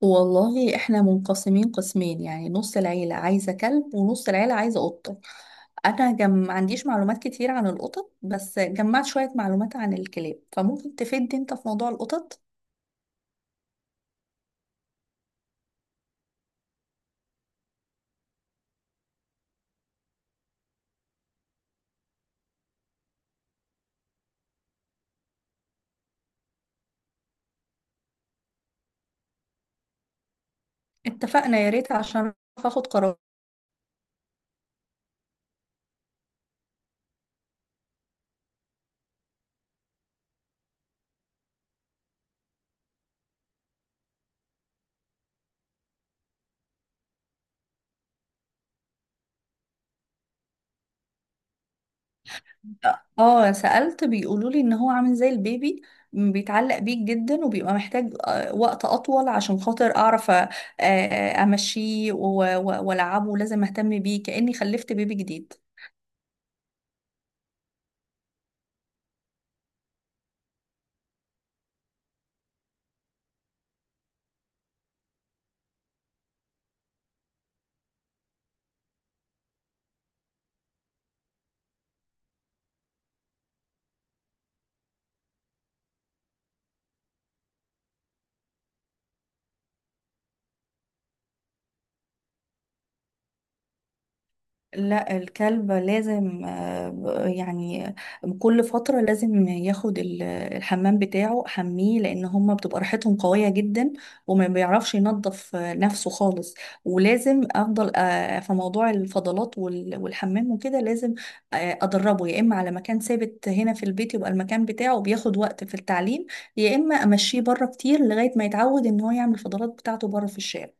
والله احنا منقسمين قسمين يعني نص العيلة عايزة كلب ونص العيلة عايزة قطة. انا ما عنديش معلومات كتير عن القطط، بس جمعت شوية معلومات عن الكلاب، فممكن تفيدني انت في موضوع القطط. اتفقنا، يا ريت عشان أعرف اخد قرار. اه، سألت بيقولوا لي ان هو عامل زي البيبي. بيتعلق بيك جدا وبيبقى محتاج وقت اطول عشان خاطر اعرف امشيه والعبه، لازم اهتم بيه كأني خلفت بيبي جديد. لا، الكلب لازم، يعني كل فترة لازم ياخد الحمام بتاعه، حميه، لأن هما بتبقى ريحتهم قوية جدا. وما بيعرفش ينظف نفسه خالص. ولازم أفضل في موضوع الفضلات والحمام وكده، لازم أدربه يا إما على مكان ثابت هنا في البيت، يبقى المكان بتاعه بياخد وقت في التعليم. يا إما أمشيه بره كتير لغاية ما يتعود إن هو يعمل الفضلات بتاعته بره في الشارع.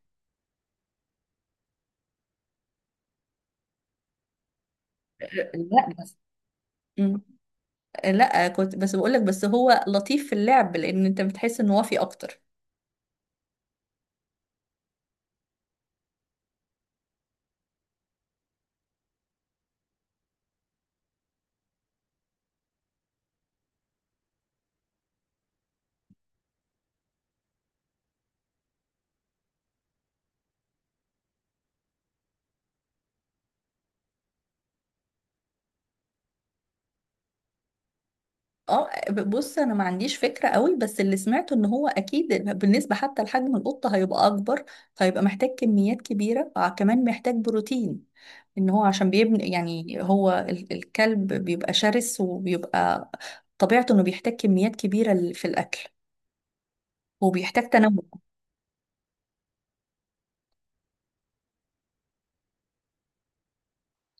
لا بس. مم. لا، كنت بس بقولك بس هو لطيف في اللعب، لان انت بتحس ان وافي اكتر. اه، بص، انا ما عنديش فكرة قوي، بس اللي سمعته ان هو اكيد، بالنسبة حتى لحجم القطة هيبقى اكبر، فهيبقى محتاج كميات كبيرة، كمان محتاج بروتين، ان هو عشان بيبني، يعني هو الكلب بيبقى شرس، وبيبقى طبيعته انه بيحتاج كميات كبيرة في الاكل، وبيحتاج تنوع.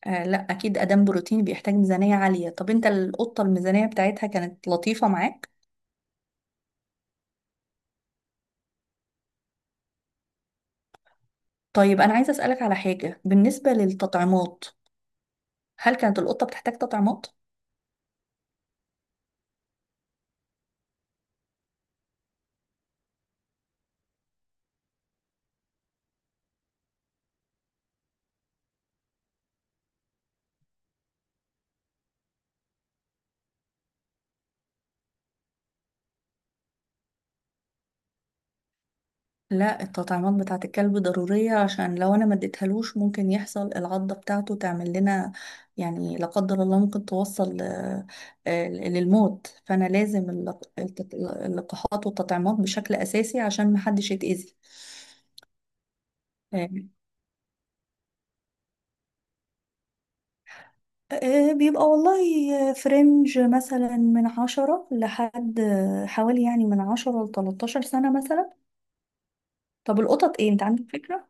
لا، اكيد ادام بروتين بيحتاج ميزانية عالية. طب انت القطة الميزانية بتاعتها كانت لطيفة معاك؟ طيب، أنا عايزة أسألك على حاجة بالنسبة للتطعيمات. هل كانت القطة بتحتاج تطعيمات؟ لا، التطعيمات بتاعة الكلب ضرورية، عشان لو أنا ما اديتهالوش ممكن يحصل العضة بتاعته تعمل لنا، يعني لا قدر الله ممكن توصل للموت، فأنا لازم اللقاحات والتطعيمات بشكل أساسي عشان محدش يتأذي. آه، بيبقى والله فرنج مثلا من عشرة لحد، حوالي، يعني من عشرة لتلتاشر سنة مثلا. طب القطط ايه، انت عندك فكرة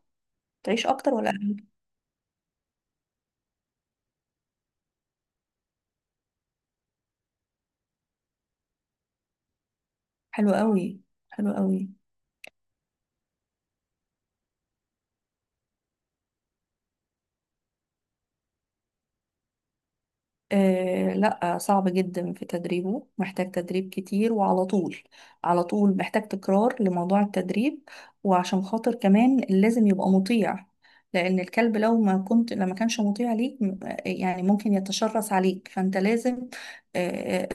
تعيش اكتر ولا اقل؟ حلو قوي، حلو قوي. لا، صعب جدا في تدريبه، محتاج تدريب كتير وعلى طول، على طول محتاج تكرار لموضوع التدريب، وعشان خاطر كمان لازم يبقى مطيع، لان الكلب لو ما كنت، لما كانش مطيع ليك، يعني ممكن يتشرس عليك، فانت لازم آه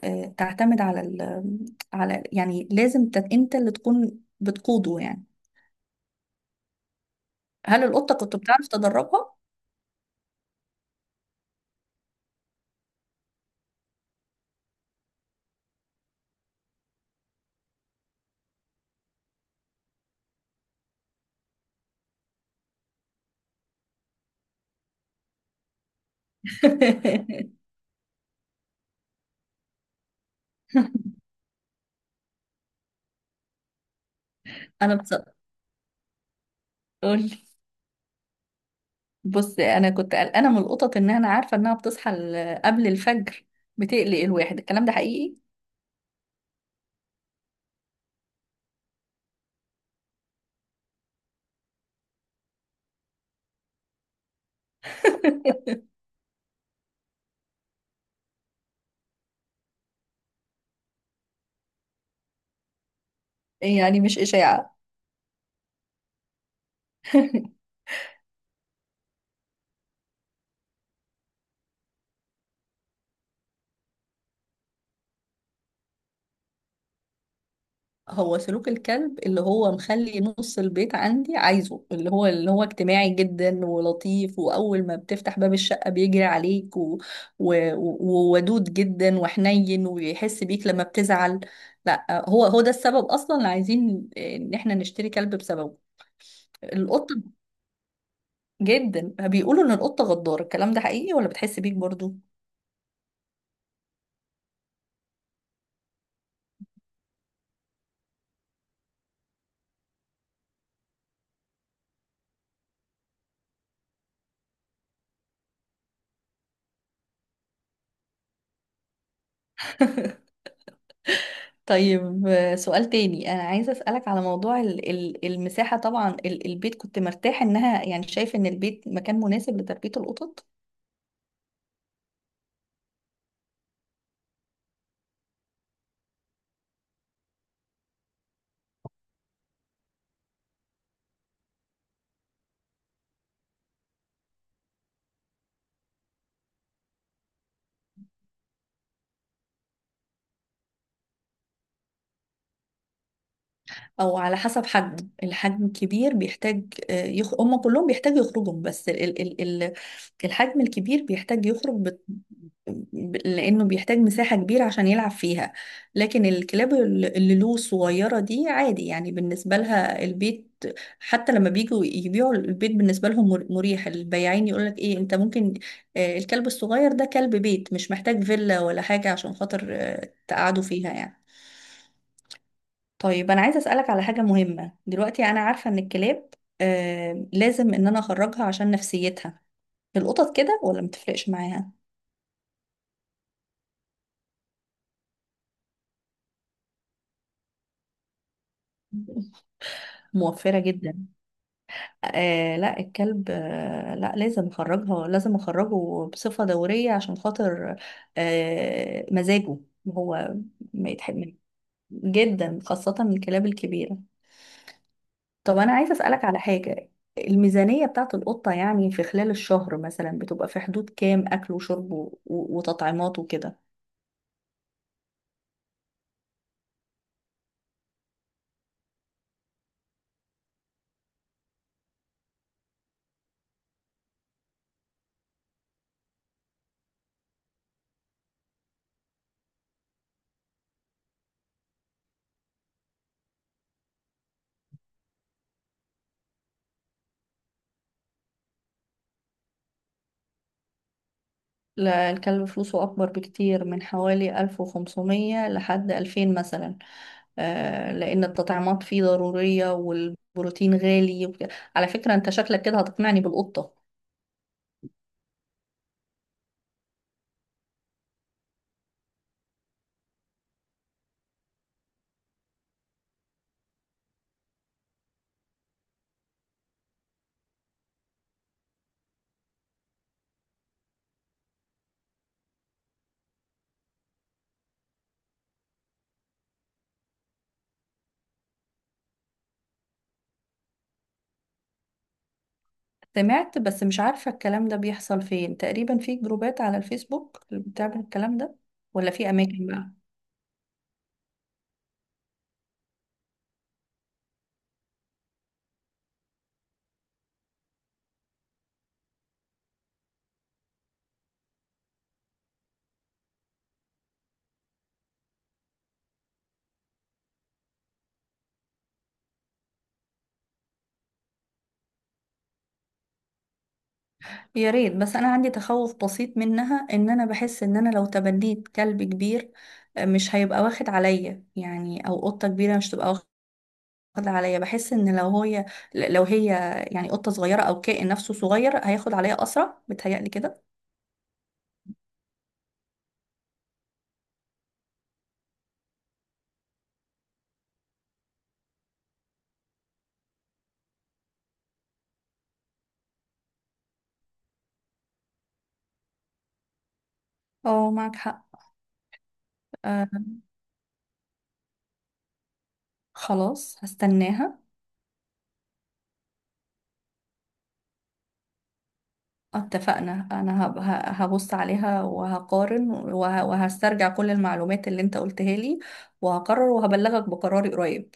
تعتمد على على، يعني لازم انت اللي تكون بتقوده يعني. هل القطة كنت بتعرف تدربها؟ انا بص قولي. بص، انا كنت قلقانه من القطط، ان انا عارفه انها بتصحى قبل الفجر، بتقلق الواحد، الكلام ده حقيقي؟ يعني مش اشاعه؟ هو سلوك الكلب اللي هو مخلي نص البيت عندي عايزه، اللي هو اجتماعي جدا ولطيف، واول ما بتفتح باب الشقه بيجري عليك، وودود جدا وحنين، ويحس بيك لما بتزعل. لا، هو ده السبب اصلا اللي عايزين ان احنا نشتري كلب بسببه. القطه جدا، بيقولوا ان القطة غدارة، الكلام ده حقيقي ولا بتحس بيك برضو؟ طيب، سؤال تاني، انا عايزة اسألك على موضوع المساحة. طبعا البيت كنت مرتاح انها، يعني شايف ان البيت مكان مناسب لتربية القطط؟ او على حسب حجمه، الحجم الكبير بيحتاج هم كلهم بيحتاجوا يخرجوا، بس الحجم الكبير بيحتاج يخرج، لانه بيحتاج مساحة كبيرة عشان يلعب فيها. لكن الكلاب اللي له صغيرة دي عادي، يعني بالنسبة لها البيت، حتى لما بيجوا يبيعوا البيت بالنسبة لهم مريح، البياعين يقولك ايه، انت ممكن الكلب الصغير ده كلب بيت، مش محتاج فيلا ولا حاجة عشان خاطر تقعدوا فيها يعني. طيب، انا عايزه اسالك على حاجه مهمه دلوقتي، انا عارفه ان الكلاب لازم ان انا اخرجها عشان نفسيتها، القطط كده ولا متفرقش معاها؟ موفره جدا. لا، الكلب لا، لازم اخرجها، لازم اخرجه بصفه دوريه، عشان خاطر مزاجه هو، ما يتحمل جدا، خاصه الكلاب الكبيره. طب انا عايزه اسالك على حاجه، الميزانيه بتاعت القطه يعني في خلال الشهر مثلا بتبقى في حدود كام، اكل وشرب وتطعيمات وكده؟ لا، الكلب فلوسه اكبر بكتير، من حوالي 1500 لحد 2000 مثلا. لان التطعيمات فيه ضروريه والبروتين غالي وكده. على فكره، انت شكلك كده هتقنعني بالقطه. سمعت، بس مش عارفه الكلام ده بيحصل فين، تقريبا في جروبات على الفيسبوك اللي بتعمل الكلام ده ولا في اماكن بقى؟ يا ريت، بس انا عندي تخوف بسيط منها، ان انا بحس ان انا لو تبنيت كلب كبير مش هيبقى واخد عليا يعني، او قطة كبيرة مش تبقى واخد عليا، بحس ان لو هي يعني قطة صغيرة او كائن نفسه صغير هياخد عليا اسرع، بتهيألي كده. اه، معك حق. آه، خلاص هستناها. اتفقنا، انا هبص عليها وهقارن وهسترجع كل المعلومات اللي انت قلتها لي، وهقرر وهبلغك بقراري قريب.